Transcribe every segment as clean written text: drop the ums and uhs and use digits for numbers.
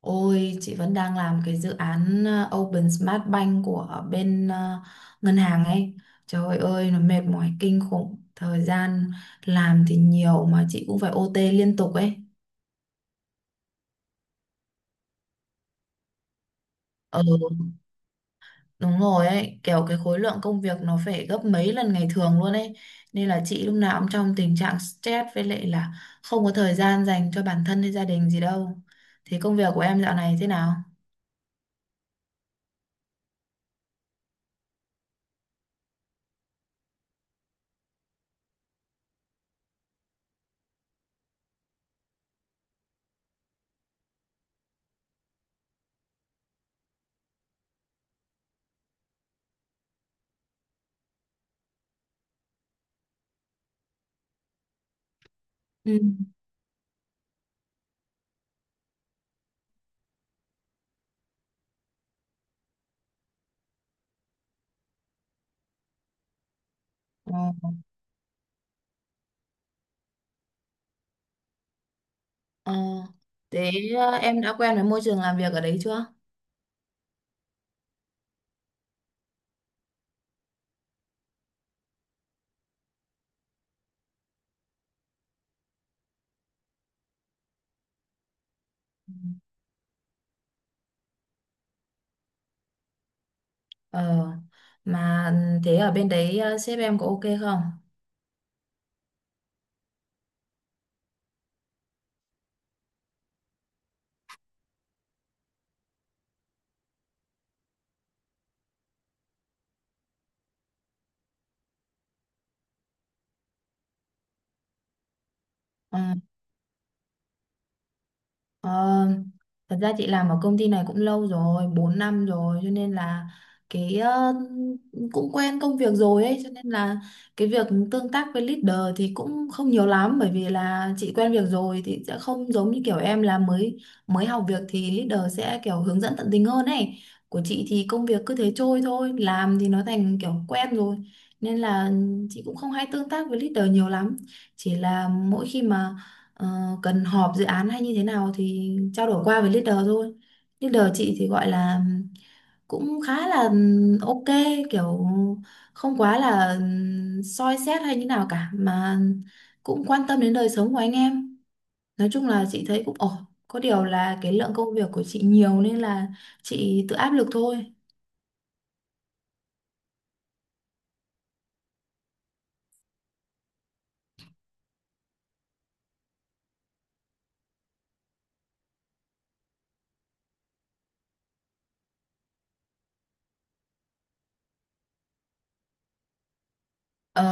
Ôi, chị vẫn đang làm cái dự án Open Smart Bank của bên ngân hàng ấy. Trời ơi, nó mệt mỏi kinh khủng. Thời gian làm thì nhiều mà chị cũng phải OT liên tục ấy. Ừ, đúng rồi ấy. Kiểu cái khối lượng công việc nó phải gấp mấy lần ngày thường luôn ấy. Nên là chị lúc nào cũng trong tình trạng stress với lại là không có thời gian dành cho bản thân hay gia đình gì đâu. Thì công việc của em dạo này thế nào? Ừ. Ừ. Ờ, thế em đã quen với môi trường làm việc ở đấy chưa? Ờ, mà thế ở bên đấy sếp em có ok không? Ờ, Ờ, thật ra chị làm ở công ty này cũng lâu rồi, 4 năm rồi, cho nên là cái cũng quen công việc rồi ấy, cho nên là cái việc tương tác với leader thì cũng không nhiều lắm, bởi vì là chị quen việc rồi thì sẽ không giống như kiểu em là mới mới học việc thì leader sẽ kiểu hướng dẫn tận tình hơn ấy. Của chị thì công việc cứ thế trôi thôi, làm thì nó thành kiểu quen rồi nên là chị cũng không hay tương tác với leader nhiều lắm. Chỉ là mỗi khi mà Ờ, cần họp dự án hay như thế nào thì trao đổi qua với leader thôi. Leader chị thì gọi là cũng khá là ok, kiểu không quá là soi xét hay như nào cả, mà cũng quan tâm đến đời sống của anh em. Nói chung là chị thấy cũng ổn. Có điều là cái lượng công việc của chị nhiều nên là chị tự áp lực thôi. Ờ,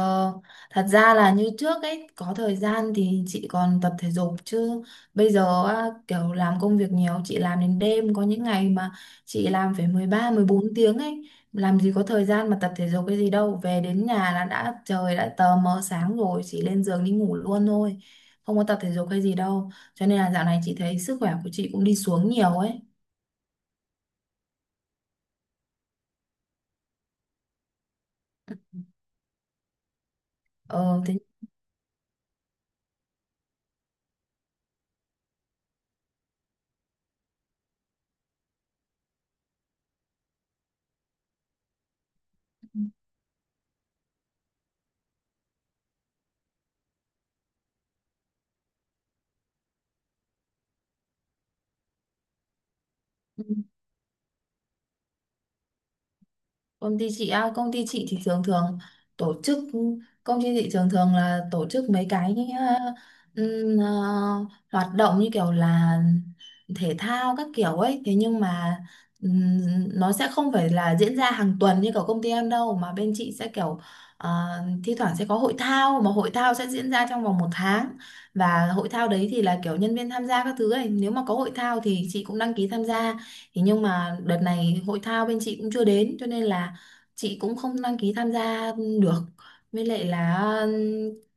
thật ra là như trước ấy có thời gian thì chị còn tập thể dục, chứ bây giờ á, kiểu làm công việc nhiều, chị làm đến đêm, có những ngày mà chị làm phải 13 14 tiếng ấy, làm gì có thời gian mà tập thể dục cái gì đâu. Về đến nhà là đã trời đã tờ mờ sáng rồi, chỉ lên giường đi ngủ luôn thôi, không có tập thể dục hay gì đâu, cho nên là dạo này chị thấy sức khỏe của chị cũng đi xuống nhiều ấy. ờ Thế công ty chị á, công ty chị thì thường thường tổ chức, công ty chị thường thường là tổ chức mấy cái ừm, ờ, hoạt động như kiểu là thể thao các kiểu ấy, thế nhưng mà ừm, nó sẽ không phải là diễn ra hàng tuần như kiểu công ty em đâu, mà bên chị sẽ kiểu ờ, thi thoảng sẽ có hội thao, mà hội thao sẽ diễn ra trong vòng 1 tháng, và hội thao đấy thì là kiểu nhân viên tham gia các thứ ấy, nếu mà có hội thao thì chị cũng đăng ký tham gia. Thế nhưng mà đợt này hội thao bên chị cũng chưa đến cho nên là chị cũng không đăng ký tham gia được, với lại là ừm,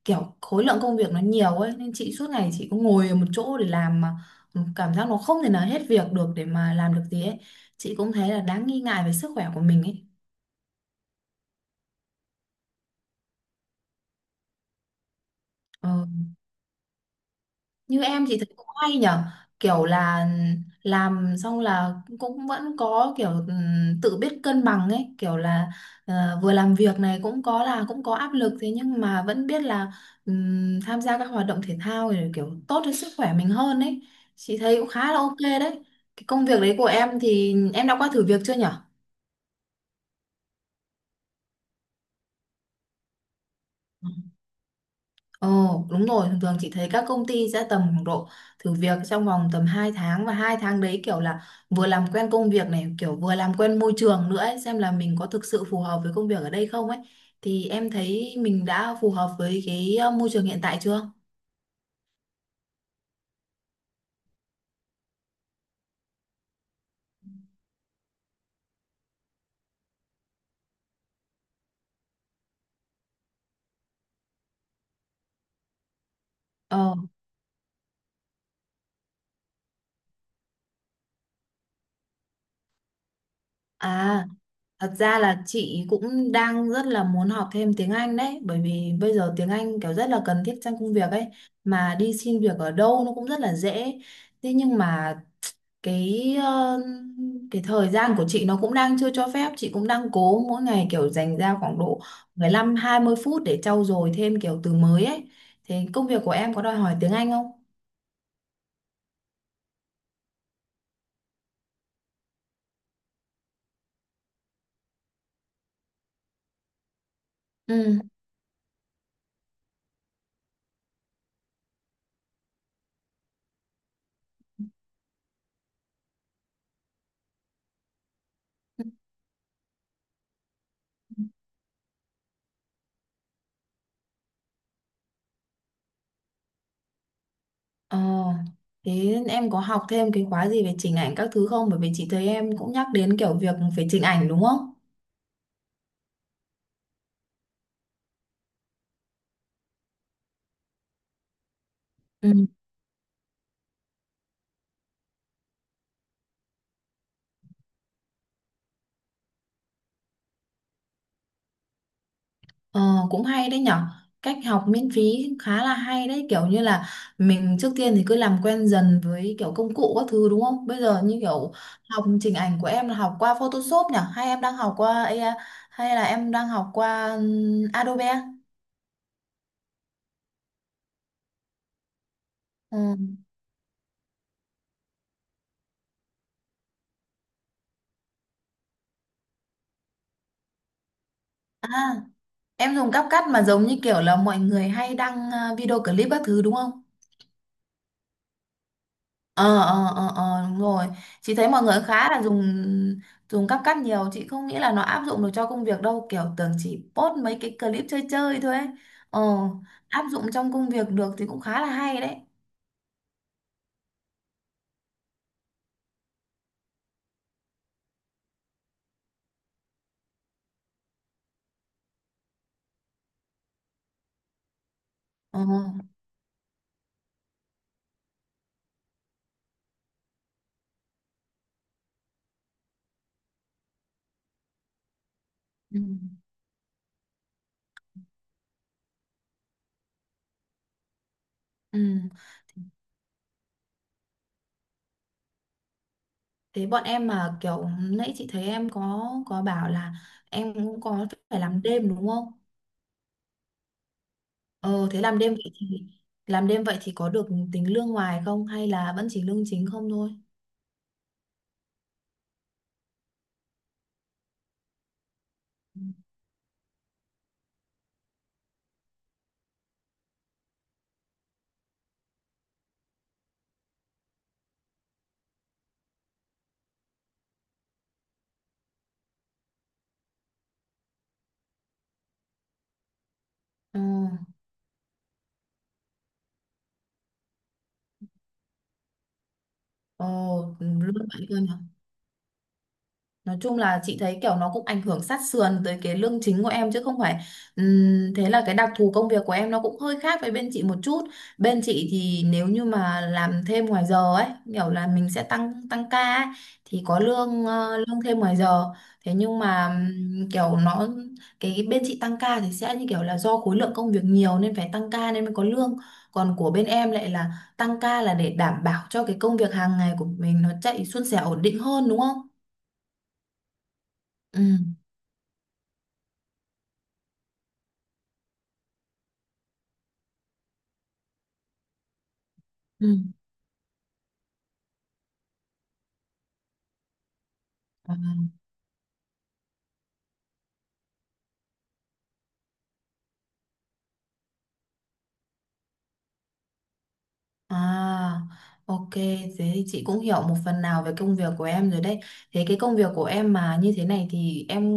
kiểu khối lượng công việc nó nhiều ấy, nên chị suốt ngày chị cũng ngồi ở một chỗ để làm mà cảm giác nó không thể nào hết việc được để mà làm được gì ấy, chị cũng thấy là đáng nghi ngại về sức khỏe của mình ấy. Ờ, như em thì thấy cũng hay nhở, kiểu là làm xong là cũng vẫn có kiểu tự biết cân bằng ấy, kiểu là vừa làm việc này cũng có là cũng có áp lực, thế nhưng mà vẫn biết là tham gia các hoạt động thể thao thì kiểu tốt cho sức khỏe mình hơn ấy, chị thấy cũng khá là ok đấy. Cái công việc đấy của em thì em đã qua thử việc chưa nhở? Ồ, đúng rồi, thường thường chị thấy các công ty sẽ tầm khoảng độ thử việc trong vòng tầm 2 tháng, và 2 tháng đấy kiểu là vừa làm quen công việc này, kiểu vừa làm quen môi trường nữa ấy, xem là mình có thực sự phù hợp với công việc ở đây không ấy. Thì em thấy mình đã phù hợp với cái môi trường hiện tại chưa? Ờ, à, thật ra là chị cũng đang rất là muốn học thêm tiếng Anh đấy, bởi vì bây giờ tiếng Anh kiểu rất là cần thiết trong công việc ấy, mà đi xin việc ở đâu nó cũng rất là dễ. Thế nhưng mà cái cái thời gian của chị nó cũng đang chưa cho phép, chị cũng đang cố mỗi ngày kiểu dành ra khoảng độ 15 20 phút để trau dồi thêm kiểu từ mới ấy. Thế công việc của em có đòi hỏi tiếng Anh không? Ừ. ờ Thế em có học thêm cái khóa gì về chỉnh ảnh các thứ không, bởi vì chị thấy em cũng nhắc đến kiểu việc về chỉnh ảnh đúng không? Ờ, cũng hay đấy nhở, cách học miễn phí khá là hay đấy, kiểu như là mình trước tiên thì cứ làm quen dần với kiểu công cụ các thứ đúng không, bây giờ như kiểu học chỉnh ảnh của em là học qua Photoshop nhở, hay em đang học qua AI, hay là em đang học qua Adobe? Ừ. À, em dùng CapCut mà giống như kiểu là mọi người hay đăng video clip các thứ đúng không? Ờ ờ ờ ờ, đúng rồi, chị thấy mọi người khá là dùng dùng cắp cắt nhiều, chị không nghĩ là nó áp dụng được cho công việc đâu, kiểu tưởng chỉ post mấy cái clip chơi chơi thôi ấy. ờ Áp dụng trong công việc được thì cũng khá là hay đấy. ờ ừ. Ừ. Thế bọn em mà kiểu nãy chị thấy em có bảo là em cũng có phải làm đêm đúng không? Ờ Thế làm đêm vậy thì làm đêm vậy thì có được tính lương ngoài không, hay là vẫn chỉ lương chính không thôi? Ừ. Ồ, lương bạn cân. Nói chung là chị thấy kiểu nó cũng ảnh hưởng sát sườn tới cái lương chính của em chứ không phải thế là cái đặc thù công việc của em nó cũng hơi khác với bên chị một chút. Bên chị thì nếu như mà làm thêm ngoài giờ ấy, kiểu là mình sẽ tăng tăng ca ấy, thì có lương lương thêm ngoài giờ. Thế nhưng mà kiểu nó cái bên chị tăng ca thì sẽ như kiểu là do khối lượng công việc nhiều nên phải tăng ca nên mới có lương. Còn của bên em lại là tăng ca là để đảm bảo cho cái công việc hàng ngày của mình nó chạy suôn sẻ ổn định hơn đúng không? Ừ. Ừ. À, à, ok, thế thì chị cũng hiểu một phần nào về công việc của em rồi đấy. Thế cái công việc của em mà như thế này thì em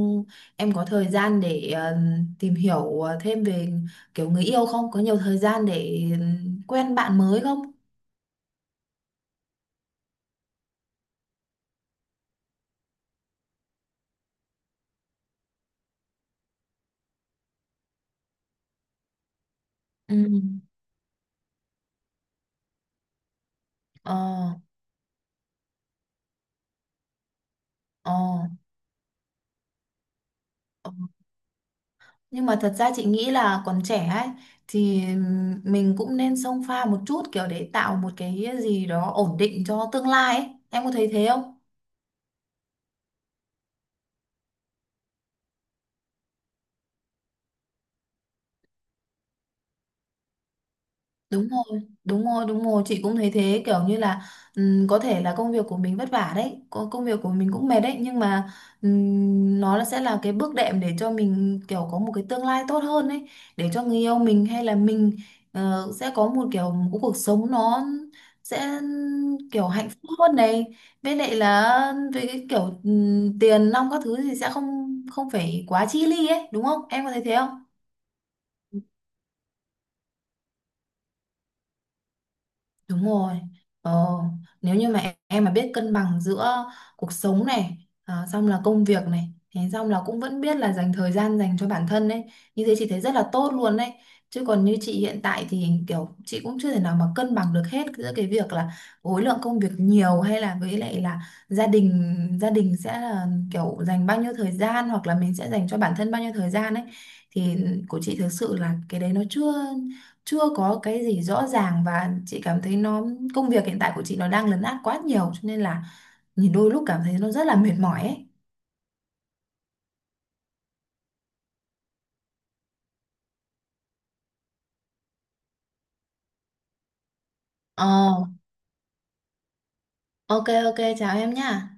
em có thời gian để tìm hiểu thêm về kiểu người yêu không? Có nhiều thời gian để quen bạn mới không? Ừ. Ờ, ờ. ờ. Nhưng mà thật ra chị nghĩ là còn trẻ ấy thì mình cũng nên xông pha một chút kiểu để tạo một cái gì đó ổn định cho tương lai ấy. Em có thấy thế không? Đúng rồi, đúng rồi, đúng rồi, chị cũng thấy thế kiểu như là có thể là công việc của mình vất vả đấy, có công việc của mình cũng mệt đấy, nhưng mà nó là sẽ là cái bước đệm để cho mình kiểu có một cái tương lai tốt hơn ấy, để cho người yêu mình hay là mình sẽ có một kiểu một cuộc sống nó sẽ kiểu hạnh phúc hơn này. Với lại là về cái kiểu tiền nong các thứ thì sẽ không không phải quá chi ly ấy, đúng không? Em có thấy thế không? Đúng rồi. Ờ, nếu như mà em mà biết cân bằng giữa cuộc sống này, à, xong là công việc này, thế xong là cũng vẫn biết là dành thời gian dành cho bản thân ấy, như thế chị thấy rất là tốt luôn đấy. Chứ còn như chị hiện tại thì kiểu chị cũng chưa thể nào mà cân bằng được hết giữa cái việc là khối lượng công việc nhiều, hay là với lại là gia đình sẽ là kiểu dành bao nhiêu thời gian, hoặc là mình sẽ dành cho bản thân bao nhiêu thời gian ấy, thì của chị thực sự là cái đấy nó chưa chưa có cái gì rõ ràng, và chị cảm thấy nó công việc hiện tại của chị nó đang lấn át quá nhiều cho nên là nhìn đôi lúc cảm thấy nó rất là mệt mỏi ấy. Ờ, ok ok, chào em nha.